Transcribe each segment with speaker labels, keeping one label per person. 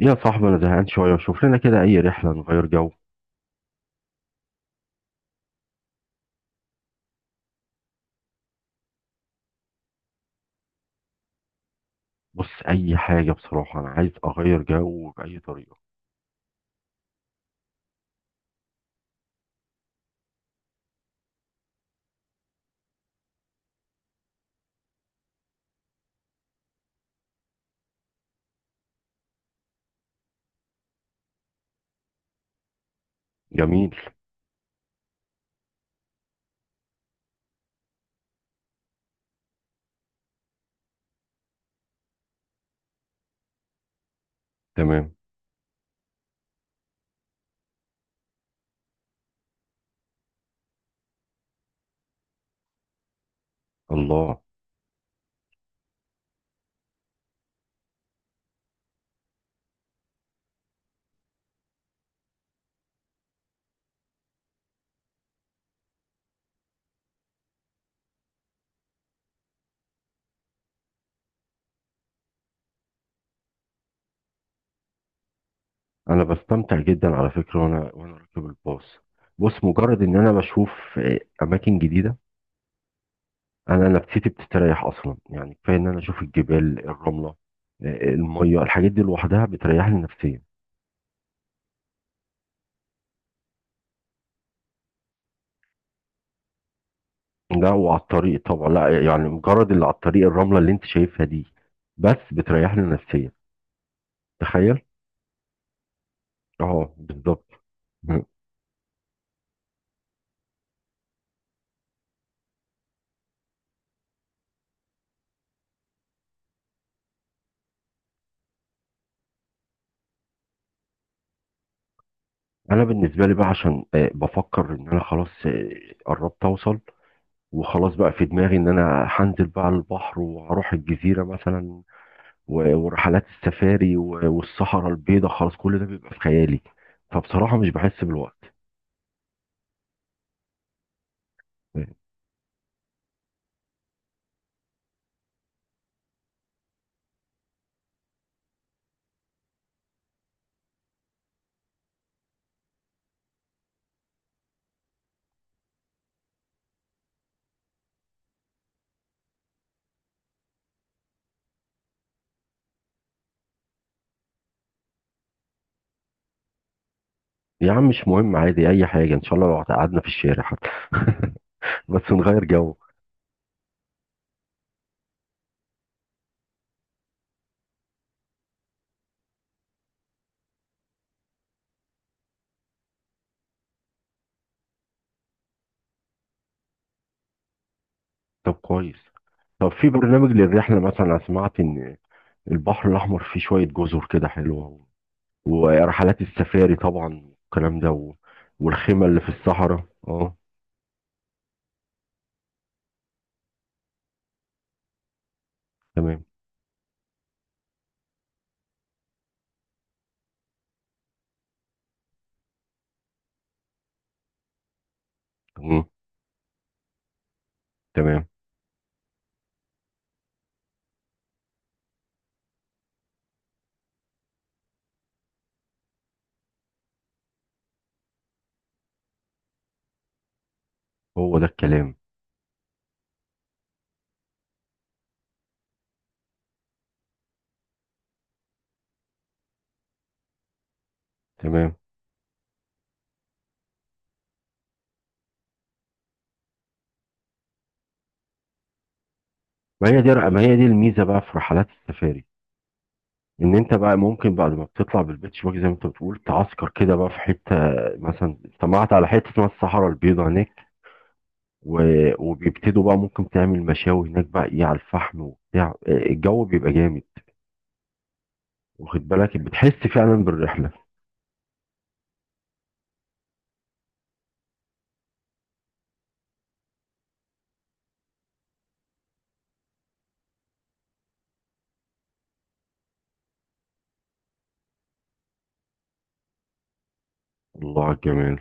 Speaker 1: يا صاحبي، انا زهقان شويه. شوف لنا كده اي رحله نغير جو. بص، اي حاجه بصراحه انا عايز اغير جو باي طريقه. جميل. تمام. الله. انا بستمتع جدا على فكره، وانا راكب الباص. بص، مجرد ان انا بشوف اماكن جديده، انا نفسيتي بتستريح اصلا. يعني كفايه ان انا اشوف الجبال، الرمله، الميه، الحاجات دي لوحدها بتريحني نفسيا. لا، وعلى الطريق طبعا، لا يعني مجرد اللي على الطريق، الرمله اللي انت شايفها دي بس بتريحني نفسيا. تخيل. اه، بالظبط. مم. انا بالنسبه لي بقى، عشان بفكر ان انا خلاص قربت اوصل، وخلاص بقى في دماغي ان انا هنزل بقى البحر، وهروح الجزيره مثلا، ورحلات السفاري، والصحراء البيضاء، خلاص كل ده بيبقى في خيالي، فبصراحه مش بحس بالوقت. آه، يا عم مش مهم، عادي اي حاجه ان شاء الله، لو قعدنا في الشارع حتى بس نغير جو. طب كويس. طب في برنامج للرحله مثلا؟ انا سمعت ان البحر الاحمر فيه شويه جزر كده حلوه، ورحلات السفاري طبعا، والكلام ده، والخيمة اللي في الصحراء. اه. تمام. مم. تمام. هو ده الكلام. تمام. ما هي دي الميزة بقى في رحلات السفاري، ان انت بقى ممكن بعد ما بتطلع بالبيتش باجي، زي ما انت بتقول، تعسكر كده بقى في حتة. مثلا سمعت على حتة اسمها الصحراء البيضاء هناك. و... وبيبتدوا بقى، ممكن تعمل مشاوي هناك بقى، ايه، على الفحم وبتاع، الجو بيبقى جامد، واخد بالك؟ بتحس فعلا بالرحلة. الله على الجمال.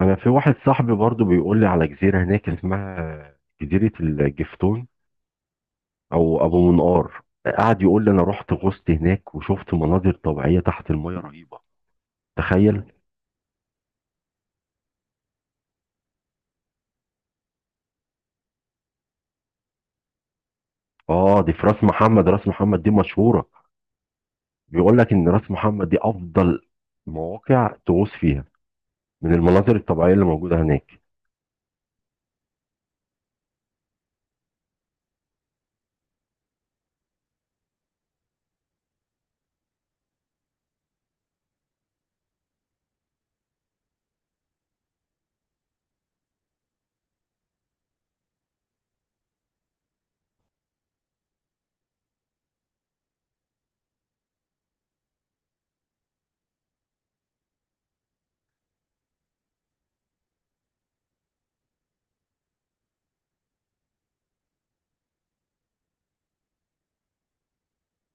Speaker 1: انا في واحد صاحبي برضو بيقول لي على جزيره هناك اسمها جزيره الجفتون، او ابو منقار. قعد يقول لي انا رحت غصت هناك وشفت مناظر طبيعيه تحت الميه رهيبه. تخيل. اه، دي في راس محمد. راس محمد دي مشهوره. بيقول لك ان راس محمد دي افضل مواقع تغوص فيها، من المناظر الطبيعيه اللي موجوده هناك.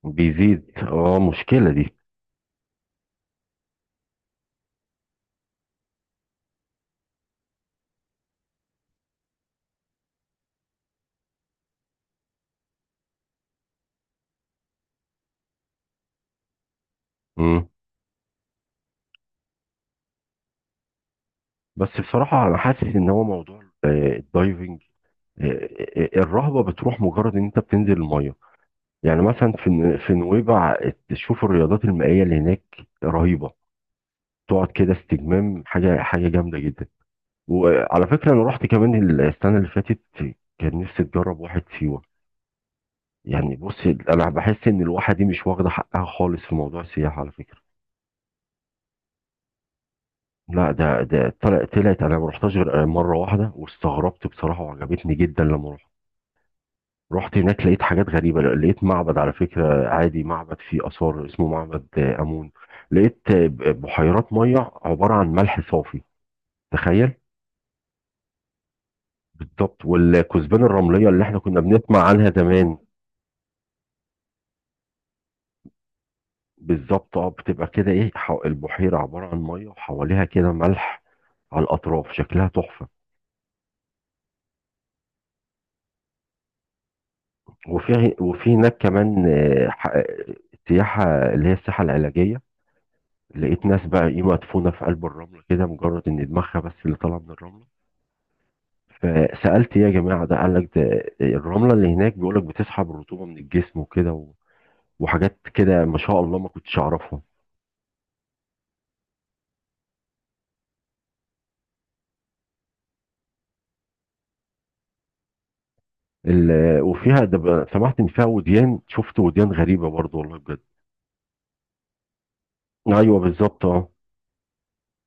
Speaker 1: بيزيد، اه، مشكله دي. مم. بس بصراحه انا حاسس ان هو موضوع الدايفنج، الرهبه بتروح مجرد ان انت بتنزل الميه. يعني مثلا في نويبع تشوف الرياضات المائية اللي هناك، رهيبة. تقعد كده استجمام، حاجة جامدة جدا. وعلى فكرة أنا رحت كمان السنة اللي فاتت. كان نفسي أجرب واحد سيوة. يعني بص، أنا بحس إن الواحة دي مش واخدة حقها خالص في موضوع السياحة على فكرة. لا، ده طلعت، أنا ما رحتهاش غير مرة واحدة، واستغربت بصراحة وعجبتني جدا لما رحت. رحت هناك لقيت حاجات غريبة، لقيت معبد على فكرة، عادي، معبد فيه آثار اسمه معبد آمون. لقيت بحيرات مية عبارة عن ملح صافي. تخيل. بالظبط، والكثبان الرملية اللي احنا كنا بنسمع عنها زمان. بالظبط، اه، بتبقى كده ايه، البحيرة عبارة عن مية، وحواليها كده ملح على الأطراف، شكلها تحفة. وفي هناك كمان، سياحة، اللي هي السياحة العلاجية. لقيت ناس بقى، ايه، مدفونة في قلب الرملة كده، مجرد ان دماغها بس اللي طالعة من الرملة. فسألت ايه يا جماعة ده؟ قال لك ده الرملة اللي هناك بيقول لك بتسحب الرطوبة من الجسم، وكده، وحاجات كده، ما شاء الله ما كنتش أعرفها. وفيها ده، سمعت إن فيها وديان. شفت وديان غريبة برضو والله بجد. أيوه، بالظبط، أه.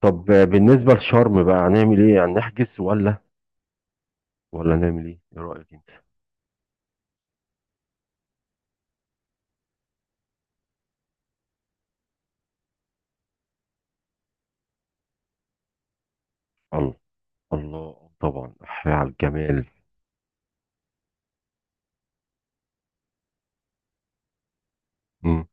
Speaker 1: طب بالنسبة لشرم بقى هنعمل إيه؟ يعني نحجز ولا، نعمل إيه رأيك أنت؟ الله، الله، طبعا أحيي على الجمال. مم.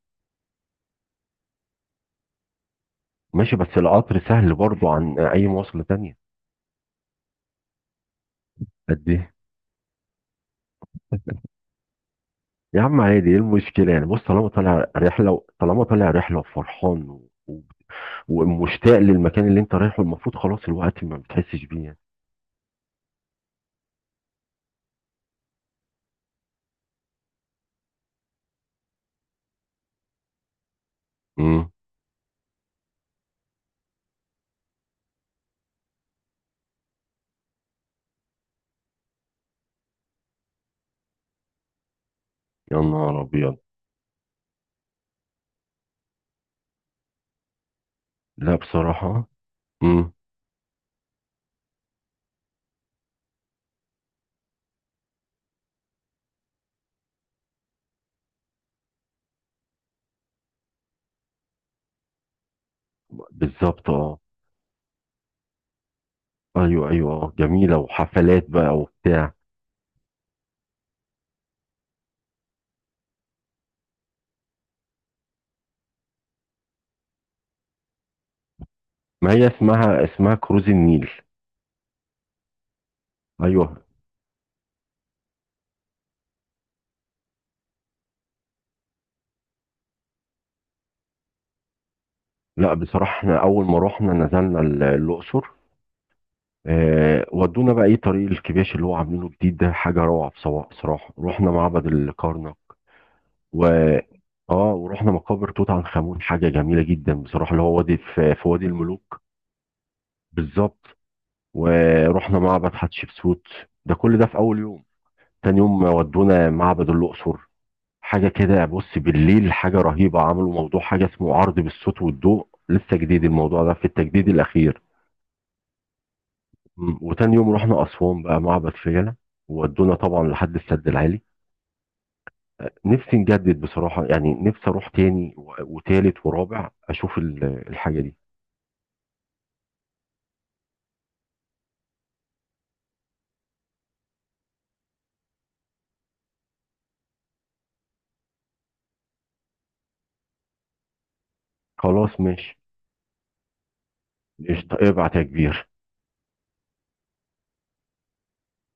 Speaker 1: ماشي، بس القطر سهل برضو عن أي مواصلة تانية. قد إيه؟ يا عم عادي، ايه المشكلة يعني؟ بص طالما طالع رحلة، طالما طالع رحلة وفرحان، ومشتاق للمكان اللي انت رايحه، المفروض خلاص الوقت ما بتحسش بيه يعني. امم. يا نهار ابيض. لا بصراحة. امم. بالظبط، اه. ايوه، ايوه، اه، جميلة، وحفلات بقى وبتاع. ما هي اسمها، كروز النيل. ايوه. لا بصراحة، احنا اول ما رحنا نزلنا الاقصر. ودونا بقى، ايه، طريق الكباش اللي هو عاملينه جديد ده. حاجة روعة بصراحة. بصراحة رحنا معبد الكرنك، و اه ورحنا مقابر توت عنخ امون. حاجه جميله جدا بصراحه، اللي هو وادي، في وادي الملوك. بالظبط. ورحنا معبد حتشبسوت. ده كل ده في اول يوم. تاني يوم ودونا معبد الاقصر. حاجه كده بص، بالليل، حاجه رهيبه. عملوا موضوع، حاجه اسمه عرض بالصوت والضوء، لسه جديد الموضوع ده في التجديد الاخير. وتاني يوم رحنا اسوان بقى، معبد فيلة، وودونا طبعا لحد السد العالي. نفسي نجدد بصراحه يعني، نفسي اروح تاني، وتالت ورابع، اشوف الحاجه دي. خلاص ماشي. قشطة، ابعت يا كبير.